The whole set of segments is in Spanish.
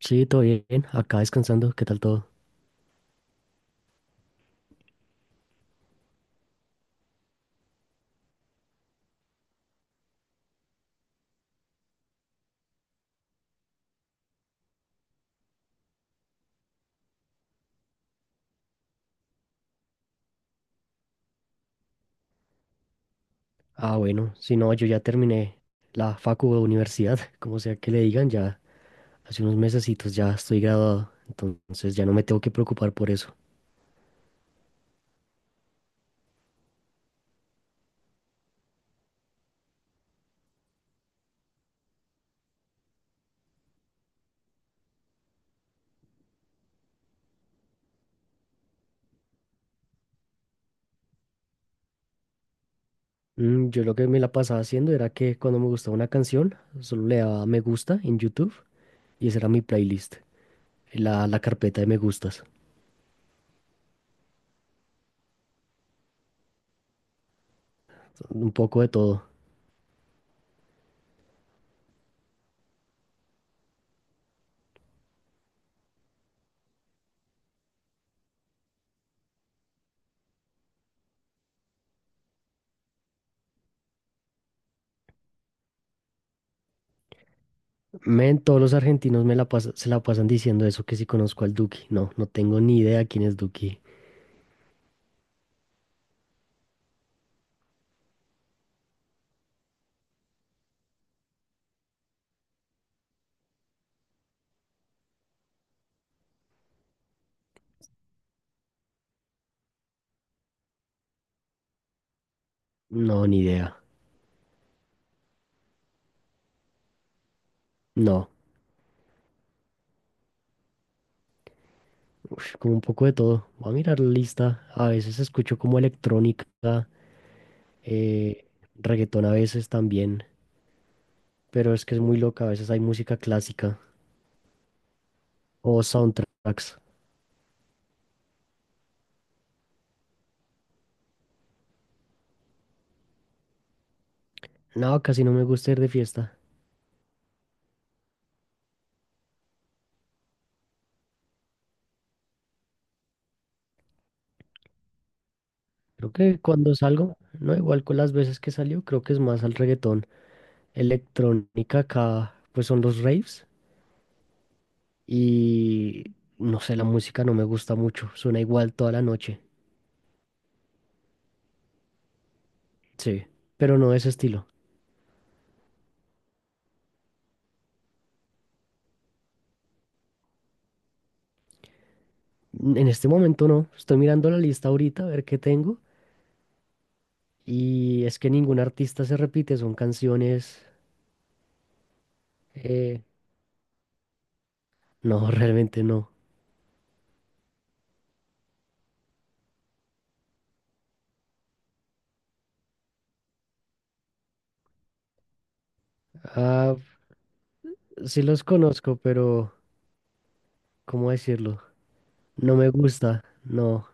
Sí, todo bien. Acá descansando. ¿Qué tal todo? Ah, bueno. Si no, yo ya terminé la facu o universidad, como sea que le digan, ya hace unos mesecitos ya estoy graduado. Entonces ya no me tengo que preocupar por eso. Yo lo que me la pasaba haciendo era que cuando me gustaba una canción, solo le daba me gusta en YouTube y esa era mi playlist, la carpeta de me gustas. Un poco de todo. Men, todos los argentinos me la se la pasan diciendo eso, que si conozco al Duki. No, no tengo ni idea quién es Duki. No, ni idea. No. Uf, como un poco de todo. Voy a mirar la lista. A veces escucho como electrónica, eh, reggaetón a veces también, pero es que es muy loca. A veces hay música clásica o soundtracks. No, casi no me gusta ir de fiesta. Creo que cuando salgo, no igual con las veces que salió, creo que es más al reggaetón. Electrónica acá, pues son los raves y no sé, la música no me gusta mucho. Suena igual toda la noche. Sí, pero no de ese estilo. En este momento no, estoy mirando la lista ahorita a ver qué tengo y es que ningún artista se repite, son canciones... eh, no, realmente no. Ah, sí los conozco, pero ¿cómo decirlo? No me gusta, no.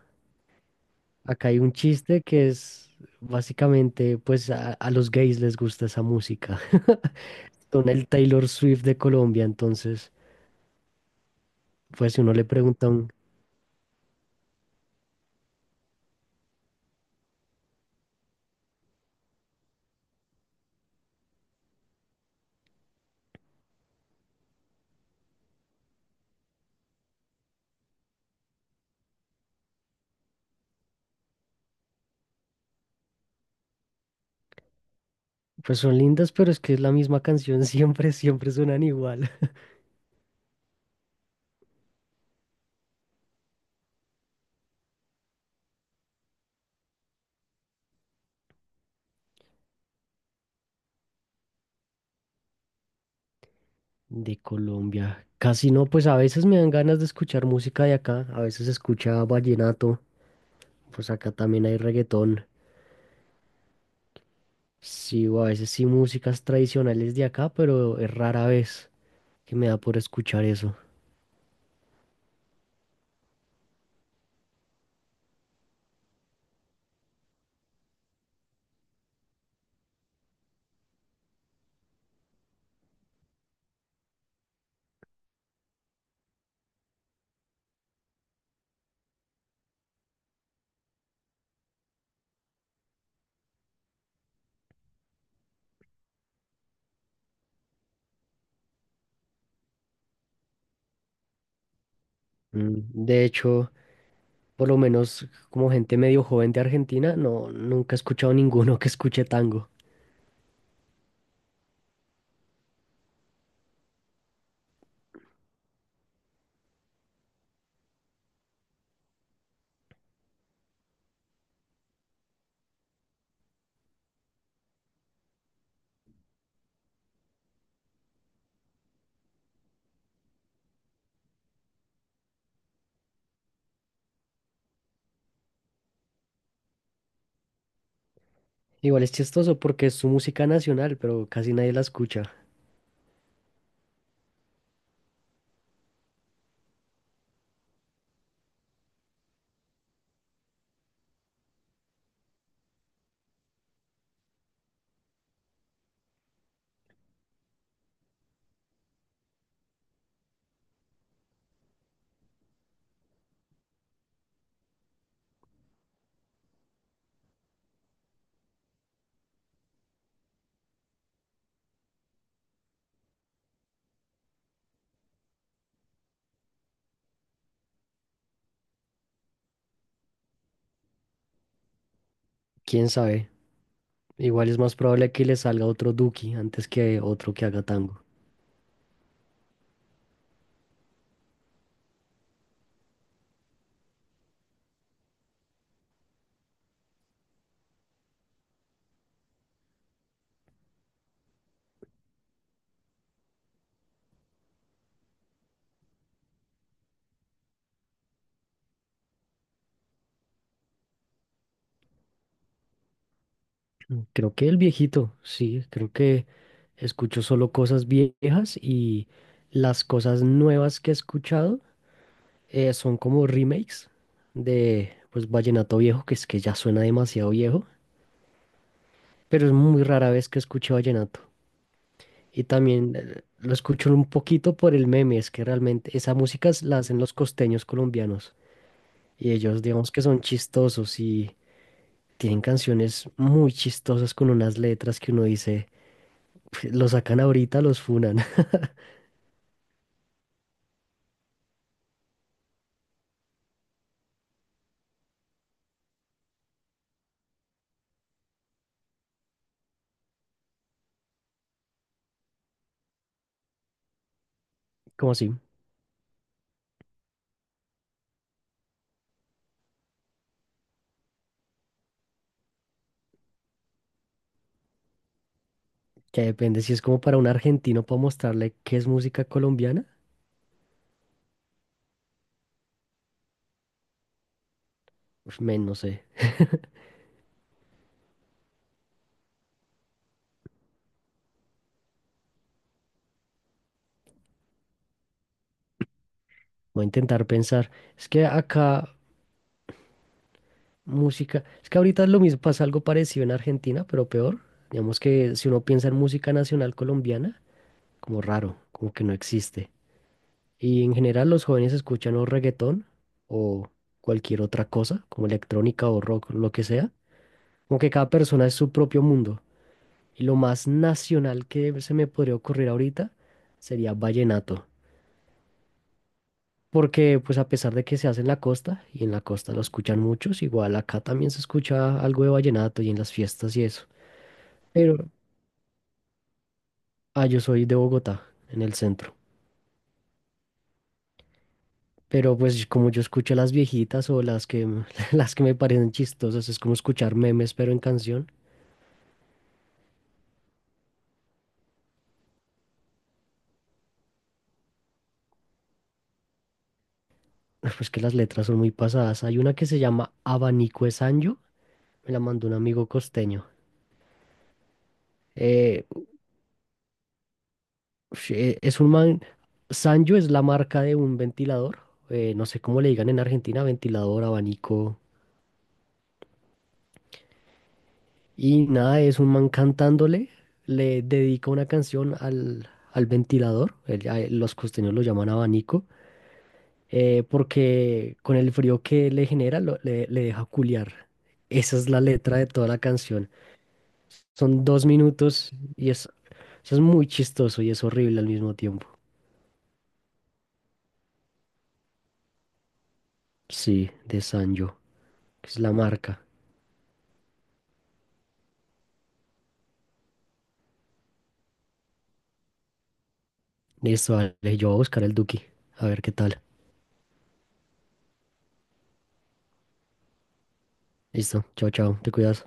Acá hay un chiste que es básicamente, pues a los gays les gusta esa música. Son el Taylor Swift de Colombia, entonces, pues si uno le pregunta, pues son lindas, pero es que es la misma canción, siempre, siempre suenan igual. De Colombia. Casi no, pues a veces me dan ganas de escuchar música de acá, a veces escucha vallenato, pues acá también hay reggaetón. Sí, o a veces sí músicas tradicionales de acá, pero es rara vez que me da por escuchar eso. Mm, De hecho, por lo menos como gente medio joven de Argentina, no, nunca he escuchado ninguno que escuche tango. Igual es chistoso porque es su música nacional, pero casi nadie la escucha. ¿Quién sabe? Igual es más probable que le salga otro Duki antes que otro que haga tango. Creo que el viejito, sí, creo que escucho solo cosas viejas y las cosas nuevas que he escuchado son como remakes de pues vallenato viejo, que es que ya suena demasiado viejo, pero es muy rara vez que escucho vallenato. Y también lo escucho un poquito por el meme, es que realmente esa música la hacen los costeños colombianos y ellos digamos que son chistosos y tienen canciones muy chistosas con unas letras que uno dice lo sacan ahorita, los funan. ¿Como así? Que depende. Si es como para un argentino para mostrarle qué es música colombiana, uf, men, no sé. Voy a intentar pensar. Es que acá música. Es que ahorita es lo mismo, pasa algo parecido en Argentina, pero peor. Digamos que si uno piensa en música nacional colombiana, como raro, como que no existe. Y en general los jóvenes escuchan o reggaetón o cualquier otra cosa, como electrónica o rock, lo que sea. Como que cada persona es su propio mundo. Y lo más nacional que se me podría ocurrir ahorita sería vallenato. Porque pues a pesar de que se hace en la costa, y en la costa lo escuchan muchos, igual acá también se escucha algo de vallenato y en las fiestas y eso. Pero, ah, yo soy de Bogotá, en el centro. Pero pues como yo escucho a las viejitas o las que, las que me parecen chistosas, es como escuchar memes pero en canción, pues que las letras son muy pasadas. Hay una que se llama Abanico de Sancho, me la mandó un amigo costeño. eh, Ush, es un man, Sanyo es la marca de un ventilador, no sé cómo le digan en Argentina, ventilador, abanico, y nada, es un man cantándole, le dedica una canción al, al ventilador, los costeños lo llaman abanico, porque con el frío que le genera le deja culiar. Esa es la letra de toda la canción. Son 2 minutos y es, eso es muy chistoso y es horrible al mismo tiempo. Sí, de Sanyo, que es la marca. Listo, vale, yo voy a buscar el Duki. A ver qué tal. Listo, chao, chao, te cuidas.